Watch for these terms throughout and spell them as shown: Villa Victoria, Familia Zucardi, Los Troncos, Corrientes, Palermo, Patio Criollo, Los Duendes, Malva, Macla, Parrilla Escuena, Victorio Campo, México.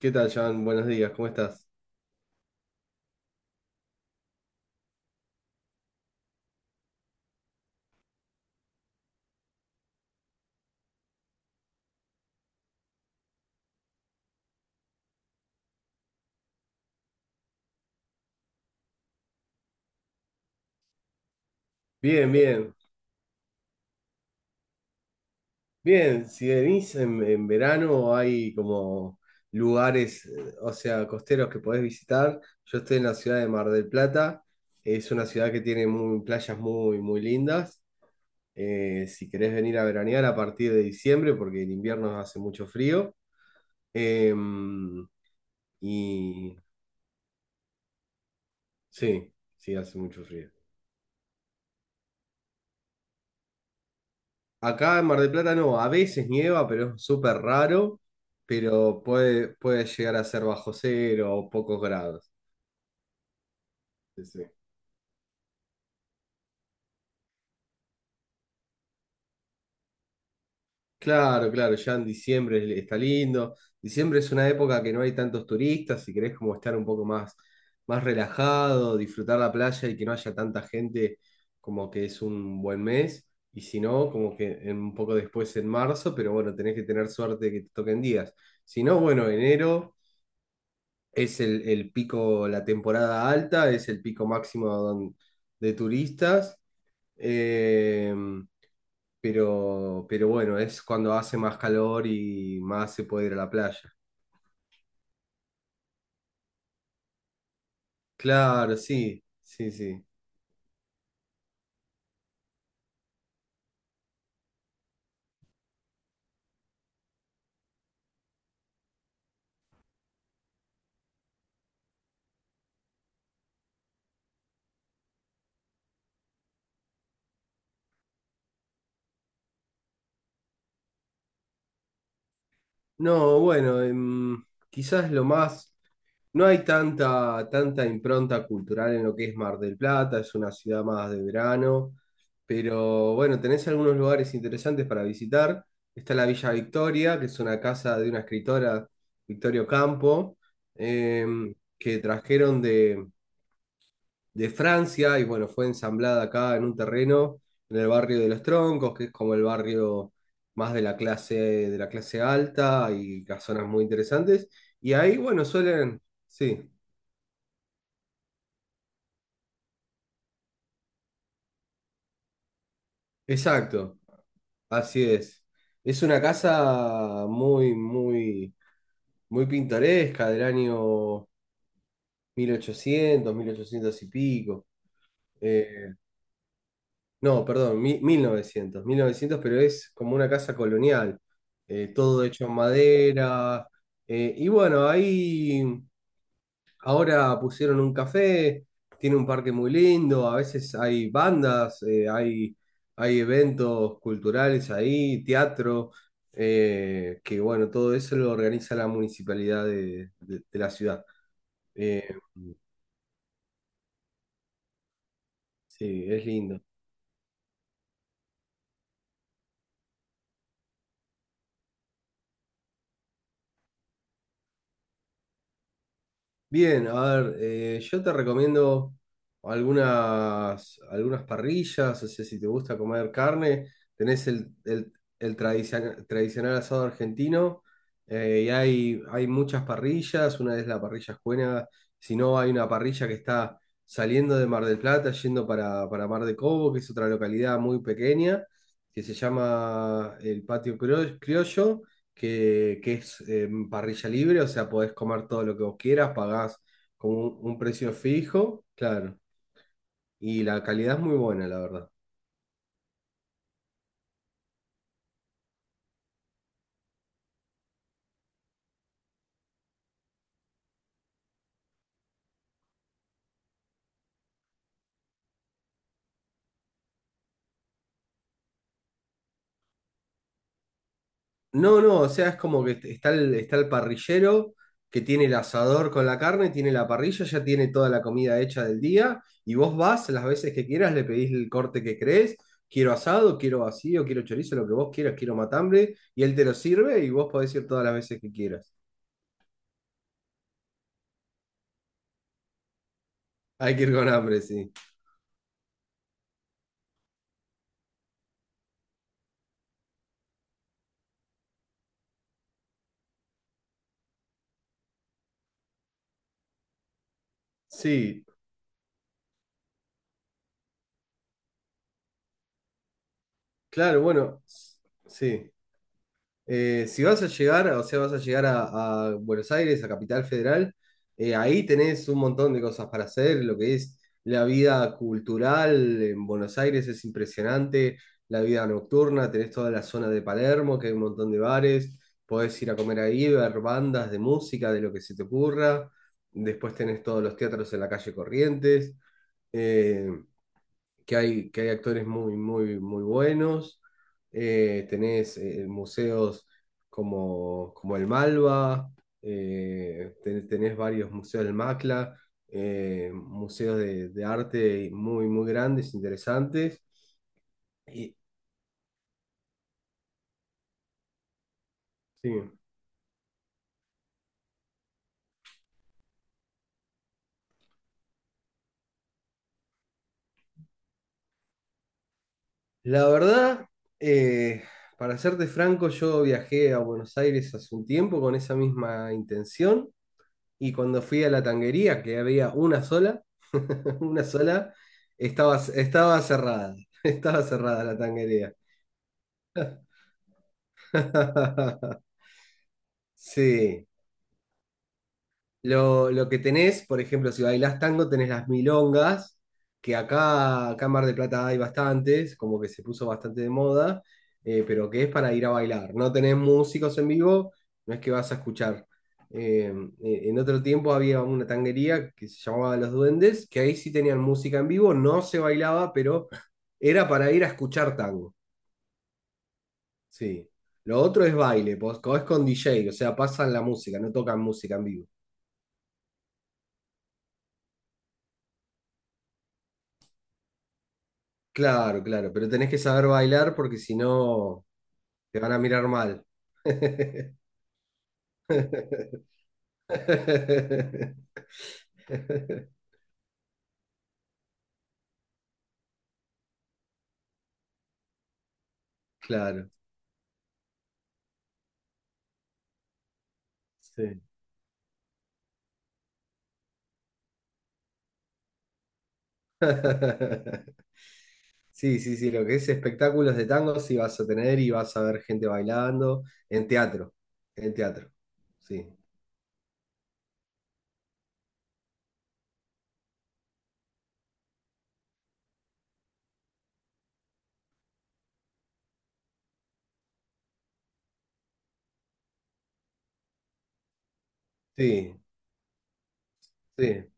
¿Qué tal, Jan? Buenos días, ¿cómo estás? Bien, bien. Bien, si venís en verano hay como lugares, o sea, costeros que podés visitar. Yo estoy en la ciudad de Mar del Plata. Es una ciudad que tiene playas muy, muy lindas. Si querés venir a veranear a partir de diciembre, porque en invierno hace mucho frío. Em, y sí, sí, hace mucho frío. Acá en Mar del Plata no, a veces nieva, pero es súper raro, pero puede, puede llegar a ser bajo cero o pocos grados. Sí, sí. Claro, claro, ya en diciembre está lindo. Diciembre es una época que no hay tantos turistas, si querés como estar un poco más, más relajado, disfrutar la playa y que no haya tanta gente, como que es un buen mes. Y si no, como que un poco después en marzo, pero bueno, tenés que tener suerte de que te toquen días. Si no, bueno, enero es el pico, la temporada alta, es el pico máximo de turistas, eh, pero bueno, es cuando hace más calor y más se puede ir a la playa. Claro, sí, sí, sí. No, bueno, quizás lo más... No hay tanta, tanta impronta cultural en lo que es Mar del Plata, es una ciudad más de verano, pero bueno, tenés algunos lugares interesantes para visitar. Está la Villa Victoria, que es una casa de una escritora, Victorio Campo, eh, que trajeron de Francia y bueno, fue ensamblada acá en un terreno en el barrio de Los Troncos, que es como el barrio más de la clase alta y las zonas muy interesantes. Y ahí, bueno, suelen, sí, exacto, así es. Es una casa muy, muy, muy pintoresca del año mil ochocientos, mil ochocientos y pico. Eh, No, perdón, mil novecientos, pero es como una casa colonial, todo hecho en madera. Y bueno, ahí ahora pusieron un café, tiene un parque muy lindo, a veces hay bandas, hay, hay eventos culturales ahí, teatro, que bueno, todo eso lo organiza la municipalidad de, de la ciudad. Eh, sí, es lindo. Bien, a ver, yo te recomiendo algunas, algunas parrillas, o sea, si te gusta comer carne, tenés el, el tradicional asado argentino, y hay muchas parrillas, una es la parrilla Escuena, si no hay una parrilla que está saliendo de Mar del Plata, yendo para Mar de Cobo, que es otra localidad muy pequeña, que se llama el Patio Criollo, que es parrilla libre, o sea, podés comer todo lo que vos quieras, pagás con un precio fijo, claro. Y la calidad es muy buena, la verdad. No, no, o sea, es como que está el parrillero que tiene el asador con la carne, tiene la parrilla, ya tiene toda la comida hecha del día, y vos vas las veces que quieras, le pedís el corte que crees, quiero asado, quiero vacío, quiero chorizo, lo que vos quieras, quiero matambre, y él te lo sirve y vos podés ir todas las veces que quieras. Hay que ir con hambre, sí. Sí, claro, bueno, sí. Si vas a llegar, o sea, vas a llegar a Buenos Aires, a Capital Federal, ahí tenés un montón de cosas para hacer. Lo que es la vida cultural en Buenos Aires es impresionante, la vida nocturna, tenés toda la zona de Palermo, que hay un montón de bares, podés ir a comer ahí, ver bandas de música, de lo que se te ocurra. Después tenés todos los teatros en la calle Corrientes. eh, que hay, que hay actores muy, muy, muy buenos. Tenés museos como, como el Malva, tenés varios museos del Macla, museos de arte muy, muy grandes, interesantes. Y, sí. La verdad, eh, para serte franco, yo viajé a Buenos Aires hace un tiempo con esa misma intención. Y cuando fui a la tanguería, que había una sola, una sola, estaba, estaba cerrada, estaba cerrada la tanguería. Sí. Lo que tenés, por ejemplo, si bailás tango, tenés las milongas, que acá, acá en Mar del Plata hay bastantes, como que se puso bastante de moda, pero que es para ir a bailar. No tenés músicos en vivo, no es que vas a escuchar. Eh, en otro tiempo había una tanguería que se llamaba Los Duendes, que ahí sí tenían música en vivo, no se bailaba, pero era para ir a escuchar tango. Sí. Lo otro es baile, pues, es con DJ, o sea, pasan la música, no tocan música en vivo. Claro, claro, pero tenés que saber bailar porque si no te van a mirar mal. Claro, sí. Sí, sí, sí, lo que es espectáculos de tango sí vas a tener y vas a ver gente bailando en teatro, en teatro, sí. Sí, sí,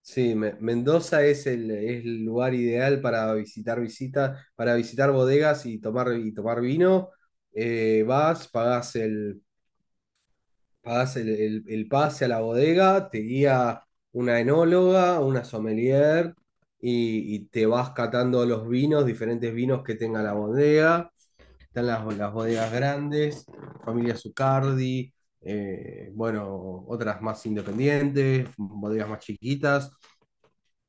sí, Mendoza es el lugar ideal para visitar visitas, para visitar bodegas y tomar vino. Vas, pagás el, pagás el, el pase a la bodega, te guía una enóloga, una sommelier y te vas catando los vinos, diferentes vinos que tenga la bodega. Están las bodegas grandes, Familia Zucardi, bueno, otras más independientes, bodegas más chiquitas.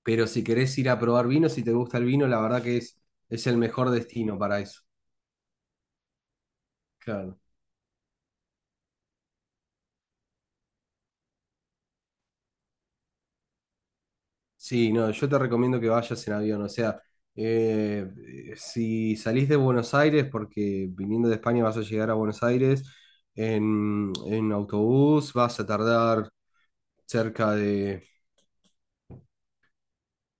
Pero si querés ir a probar vino, si te gusta el vino, la verdad que es el mejor destino para eso. Claro. Sí, no, yo te recomiendo que vayas en avión. O sea, eh, si salís de Buenos Aires, porque viniendo de España vas a llegar a Buenos Aires, en autobús vas a tardar cerca de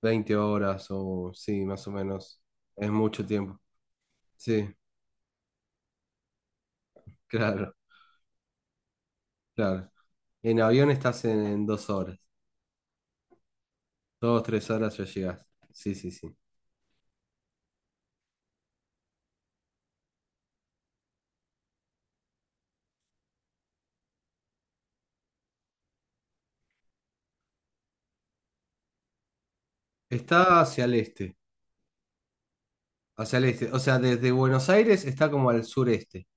20 horas o sí, más o menos. Es mucho tiempo. Sí, claro, claro. En avión estás en 2 horas. 2, 3 horas ya llegás. Sí, sí, sí. Está hacia el este. Hacia el este. O sea, desde Buenos Aires está como al sureste.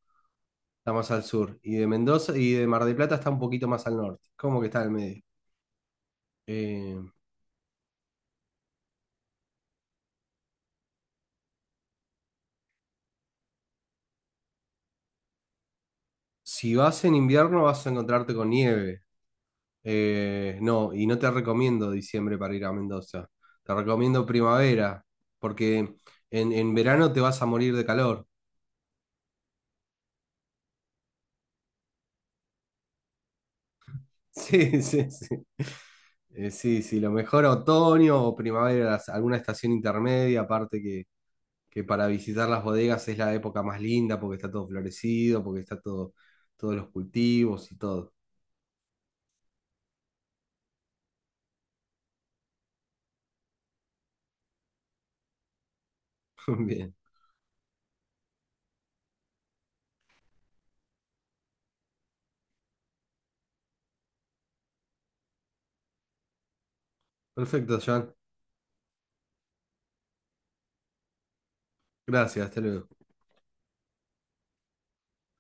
Está más al sur. Y de Mendoza y de Mar del Plata está un poquito más al norte. Como que está al medio. Eh, si vas en invierno vas a encontrarte con nieve. No, y no te recomiendo diciembre para ir a Mendoza. Te recomiendo primavera, porque en verano te vas a morir de calor. Sí, sí, sí. Sí, sí, lo mejor otoño o primavera, alguna estación intermedia, aparte que para visitar las bodegas es la época más linda porque está todo florecido, porque está todo, todos los cultivos y todo. Bien, perfecto, John. Gracias, hasta luego.